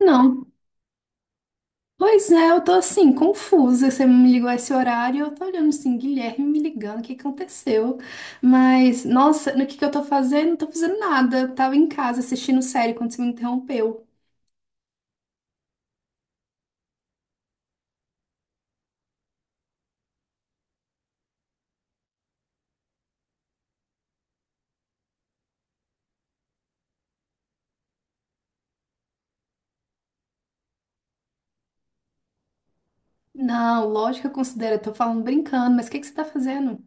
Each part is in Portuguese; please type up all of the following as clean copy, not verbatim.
Não. Pois é, eu tô assim, confusa. Você me ligou a esse horário, eu tô olhando assim, Guilherme me ligando, o que aconteceu? Mas, nossa, no que eu tô fazendo? Não tô fazendo nada. Eu tava em casa assistindo série quando você me interrompeu. Não, lógico que eu considero, eu tô falando brincando, mas o que que você tá fazendo?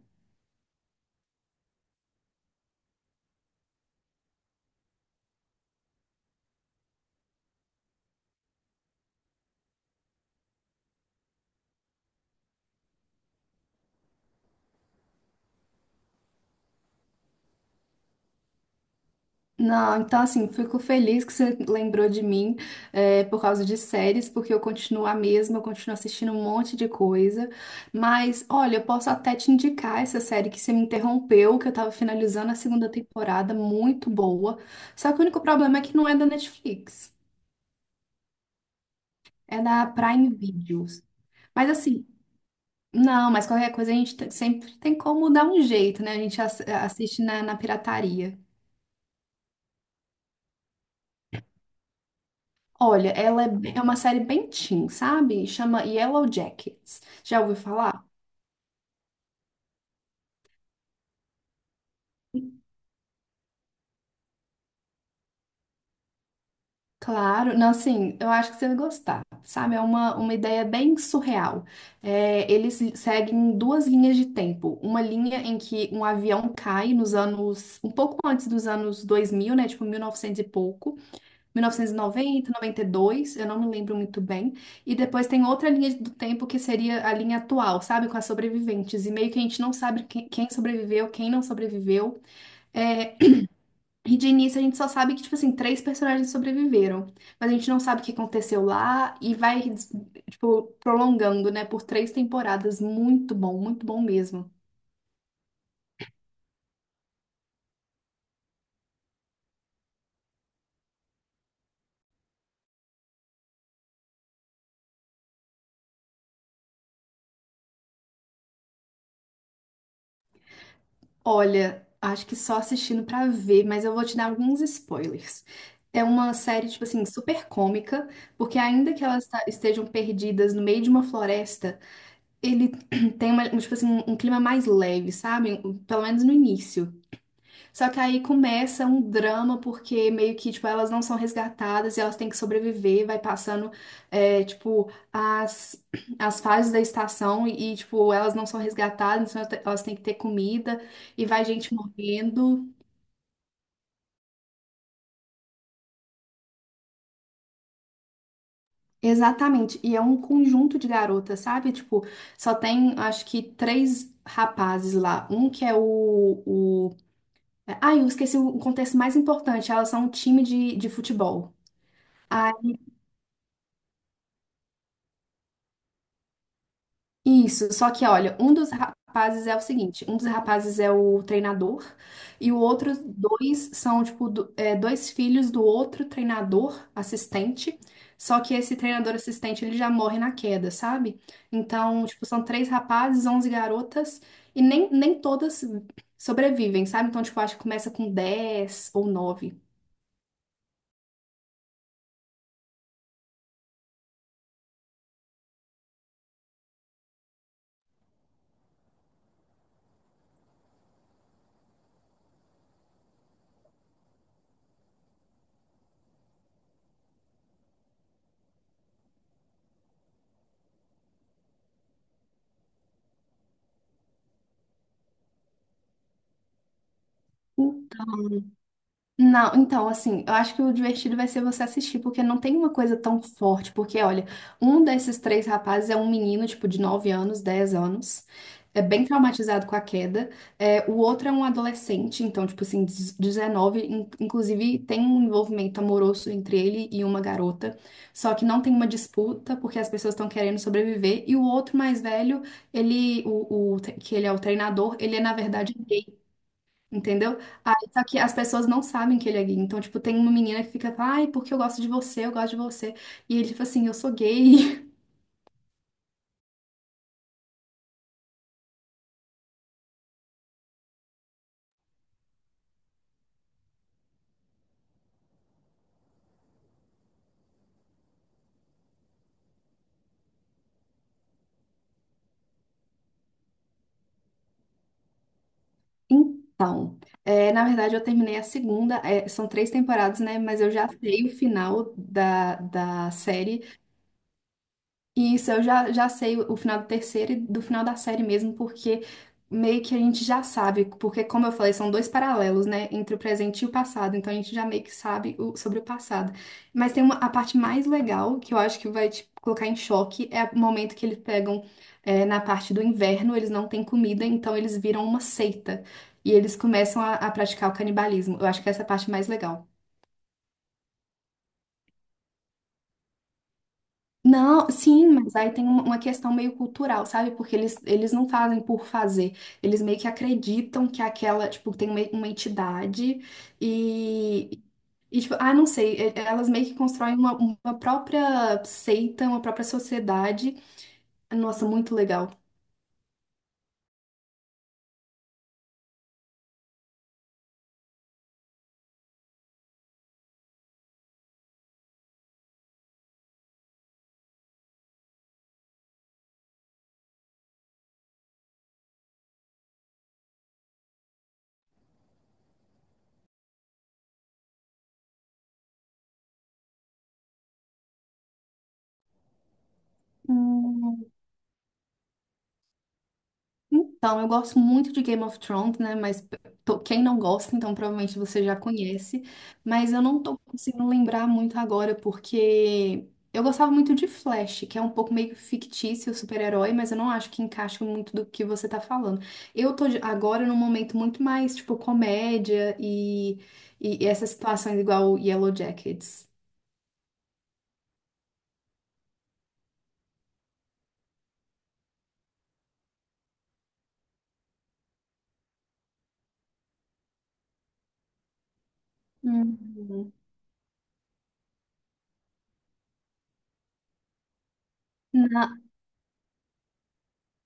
Não, então assim, fico feliz que você lembrou de mim é, por causa de séries, porque eu continuo a mesma, eu continuo assistindo um monte de coisa. Mas, olha, eu posso até te indicar essa série que você me interrompeu, que eu tava finalizando a segunda temporada, muito boa. Só que o único problema é que não é da Netflix, é da Prime Videos. Mas assim, não, mas qualquer coisa a gente sempre tem como dar um jeito, né? A gente assiste na pirataria. Olha, é uma série bem teen, sabe? Chama Yellow Jackets. Já ouviu falar? Claro, não, assim, eu acho que você vai gostar, sabe? É uma ideia bem surreal. É, eles seguem duas linhas de tempo. Uma linha em que um avião cai nos anos, um pouco antes dos anos 2000, né? Tipo, 1900 e pouco. 1990, 92, eu não me lembro muito bem. E depois tem outra linha do tempo que seria a linha atual, sabe? Com as sobreviventes. E meio que a gente não sabe quem sobreviveu, quem não sobreviveu. É, e de início a gente só sabe que, tipo assim, três personagens sobreviveram. Mas a gente não sabe o que aconteceu lá e vai, tipo, prolongando, né? Por três temporadas. Muito bom mesmo. Olha, acho que só assistindo pra ver, mas eu vou te dar alguns spoilers. É uma série, tipo assim, super cômica, porque ainda que elas estejam perdidas no meio de uma floresta, ele tem uma, tipo assim, um clima mais leve, sabe? Pelo menos no início. Só que aí começa um drama, porque meio que, tipo, elas não são resgatadas e elas têm que sobreviver, vai passando, é, tipo, as fases da estação e, tipo, elas não são resgatadas, então elas têm que ter comida e vai gente morrendo. Exatamente, e é um conjunto de garotas, sabe? Tipo, só tem, acho que, três rapazes lá. Um que é o... Ai, eu esqueci o contexto mais importante, elas são um time de futebol. Isso, só que olha, um dos rapazes é o seguinte, um dos rapazes é o treinador e o outro dois são tipo dois filhos do outro treinador assistente, só que esse treinador assistente ele já morre na queda, sabe? Então, tipo, são três rapazes, 11 garotas e nem todas sobrevivem, sabe? Então, tipo, acho que começa com 10 ou nove. Não, então, assim, eu acho que o divertido vai ser você assistir, porque não tem uma coisa tão forte. Porque, olha, um desses três rapazes é um menino, tipo, de 9 anos, 10 anos, é bem traumatizado com a queda. É, o outro é um adolescente, então, tipo assim, 19, inclusive tem um envolvimento amoroso entre ele e uma garota. Só que não tem uma disputa, porque as pessoas estão querendo sobreviver. E o outro mais velho, ele, que ele é o treinador, ele é, na verdade, entendeu? Aí, só que as pessoas não sabem que ele é gay. Então, tipo, tem uma menina que fica, ai, porque eu gosto de você, eu gosto de você. E ele, tipo assim, eu sou gay. Então, é, na verdade, eu terminei a segunda, é, são três temporadas, né? Mas eu já sei o final da série. E isso, eu já sei o final do terceiro e do final da série mesmo, porque meio que a gente já sabe, porque como eu falei, são dois paralelos, né, entre o presente e o passado, então a gente já meio que sabe sobre o passado. Mas tem uma, a parte mais legal, que eu acho que vai te colocar em choque, é o momento que eles pegam é, na parte do inverno, eles não têm comida, então eles viram uma seita, e eles começam a praticar o canibalismo. Eu acho que essa é a parte mais legal. Não, sim, mas aí tem uma questão meio cultural, sabe? Porque eles não fazem por fazer. Eles meio que acreditam que aquela, tipo, tem uma entidade e, e, tipo, ah, não sei, elas meio que constroem uma própria seita, uma própria sociedade. Nossa, muito legal. Então, eu gosto muito de Game of Thrones, né? Mas quem não gosta, então provavelmente você já conhece. Mas eu não tô conseguindo lembrar muito agora, porque eu gostava muito de Flash, que é um pouco meio fictício, super-herói, mas eu não acho que encaixa muito do que você tá falando. Eu agora num momento muito mais, tipo, comédia e essas situações igual Yellow Jackets. Uhum.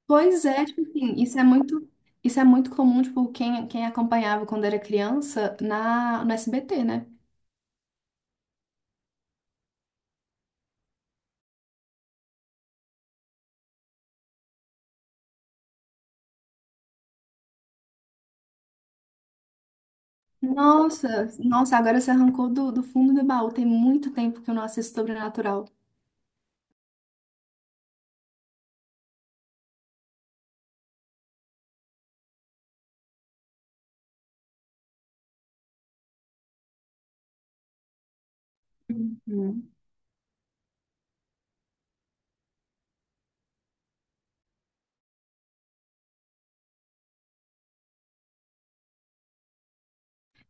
Pois é, tipo assim, isso é muito comum, tipo, quem acompanhava quando era criança no SBT, né? Nossa, nossa, agora você arrancou do fundo do baú. Tem muito tempo que eu não assisto Sobrenatural. Uhum.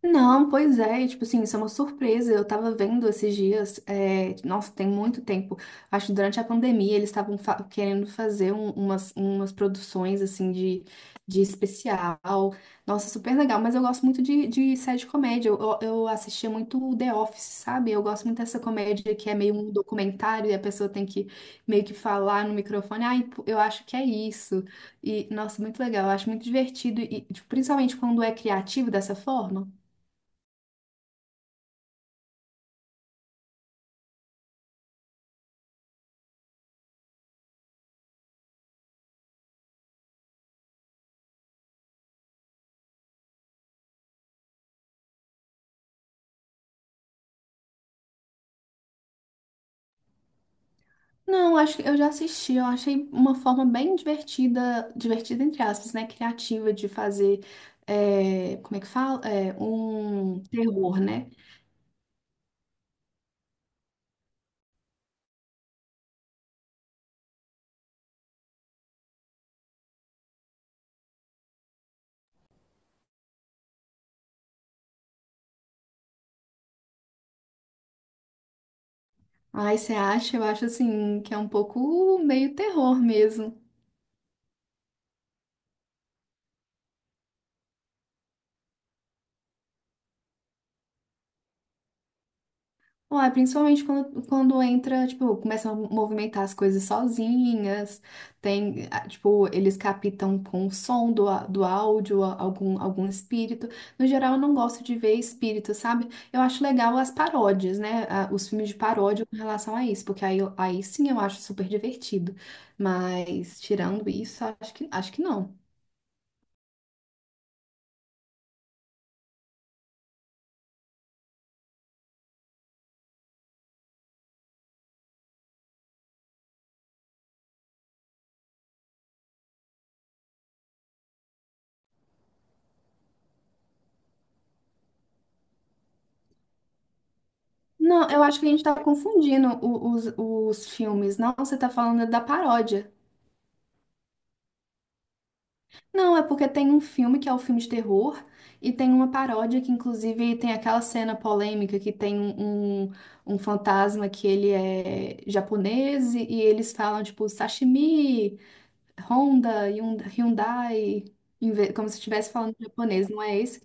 Não, pois é, e, tipo assim, isso é uma surpresa. Eu tava vendo esses dias, é, nossa, tem muito tempo. Acho que durante a pandemia eles estavam querendo fazer umas produções assim de especial. Nossa, super legal, mas eu gosto muito de série de comédia. Eu assistia muito o The Office, sabe? Eu gosto muito dessa comédia que é meio um documentário e a pessoa tem que meio que falar no microfone, ai, pô, eu acho que é isso. E, nossa, muito legal, eu acho muito divertido, e, tipo, principalmente quando é criativo dessa forma. Não, acho que eu já assisti, eu achei uma forma bem divertida, divertida entre aspas, né? Criativa de fazer, é, como é que fala? É, um terror, né? Aí você acha, eu acho assim, que é um pouco meio terror mesmo. Ué, principalmente quando, quando entra, tipo, começam a movimentar as coisas sozinhas, tem, ah, tipo, eles captam com o som do áudio algum espírito. No geral, eu não gosto de ver espírito, sabe? Eu acho legal as paródias, né? Ah, os filmes de paródia com relação a isso, porque aí sim eu acho super divertido. Mas, tirando isso, acho que não. Não, eu acho que a gente tá confundindo os filmes. Não, você tá falando da paródia. Não, é porque tem um filme que é o filme de terror e tem uma paródia que, inclusive, tem aquela cena polêmica que tem um fantasma que ele é japonês e eles falam, tipo, sashimi, Honda, Hyundai, em como se estivesse falando japonês, não é esse?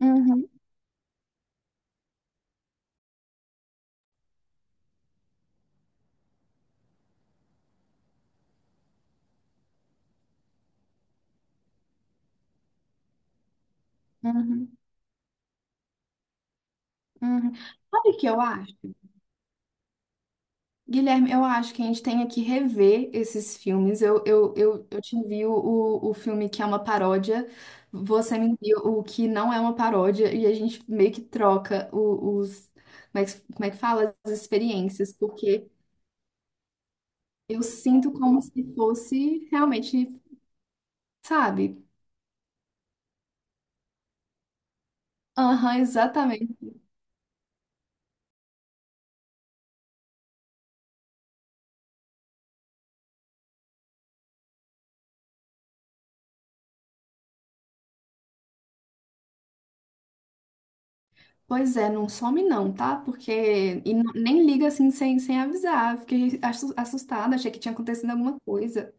Uhum, uhum, uhum. Sabe o que eu acho? Guilherme, eu acho que a gente tem que rever esses filmes. Eu te envio o filme que é uma paródia, você me envia o que não é uma paródia, e a gente meio que troca os, como é que fala? As experiências, porque eu sinto como se fosse realmente, sabe? Aham, exatamente. Pois é, não some não, tá? Porque. E nem liga assim sem avisar. Fiquei assustada, achei que tinha acontecido alguma coisa.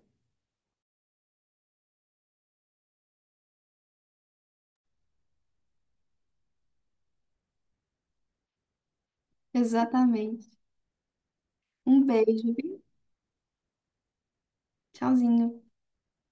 Exatamente. Um beijo. Tchauzinho.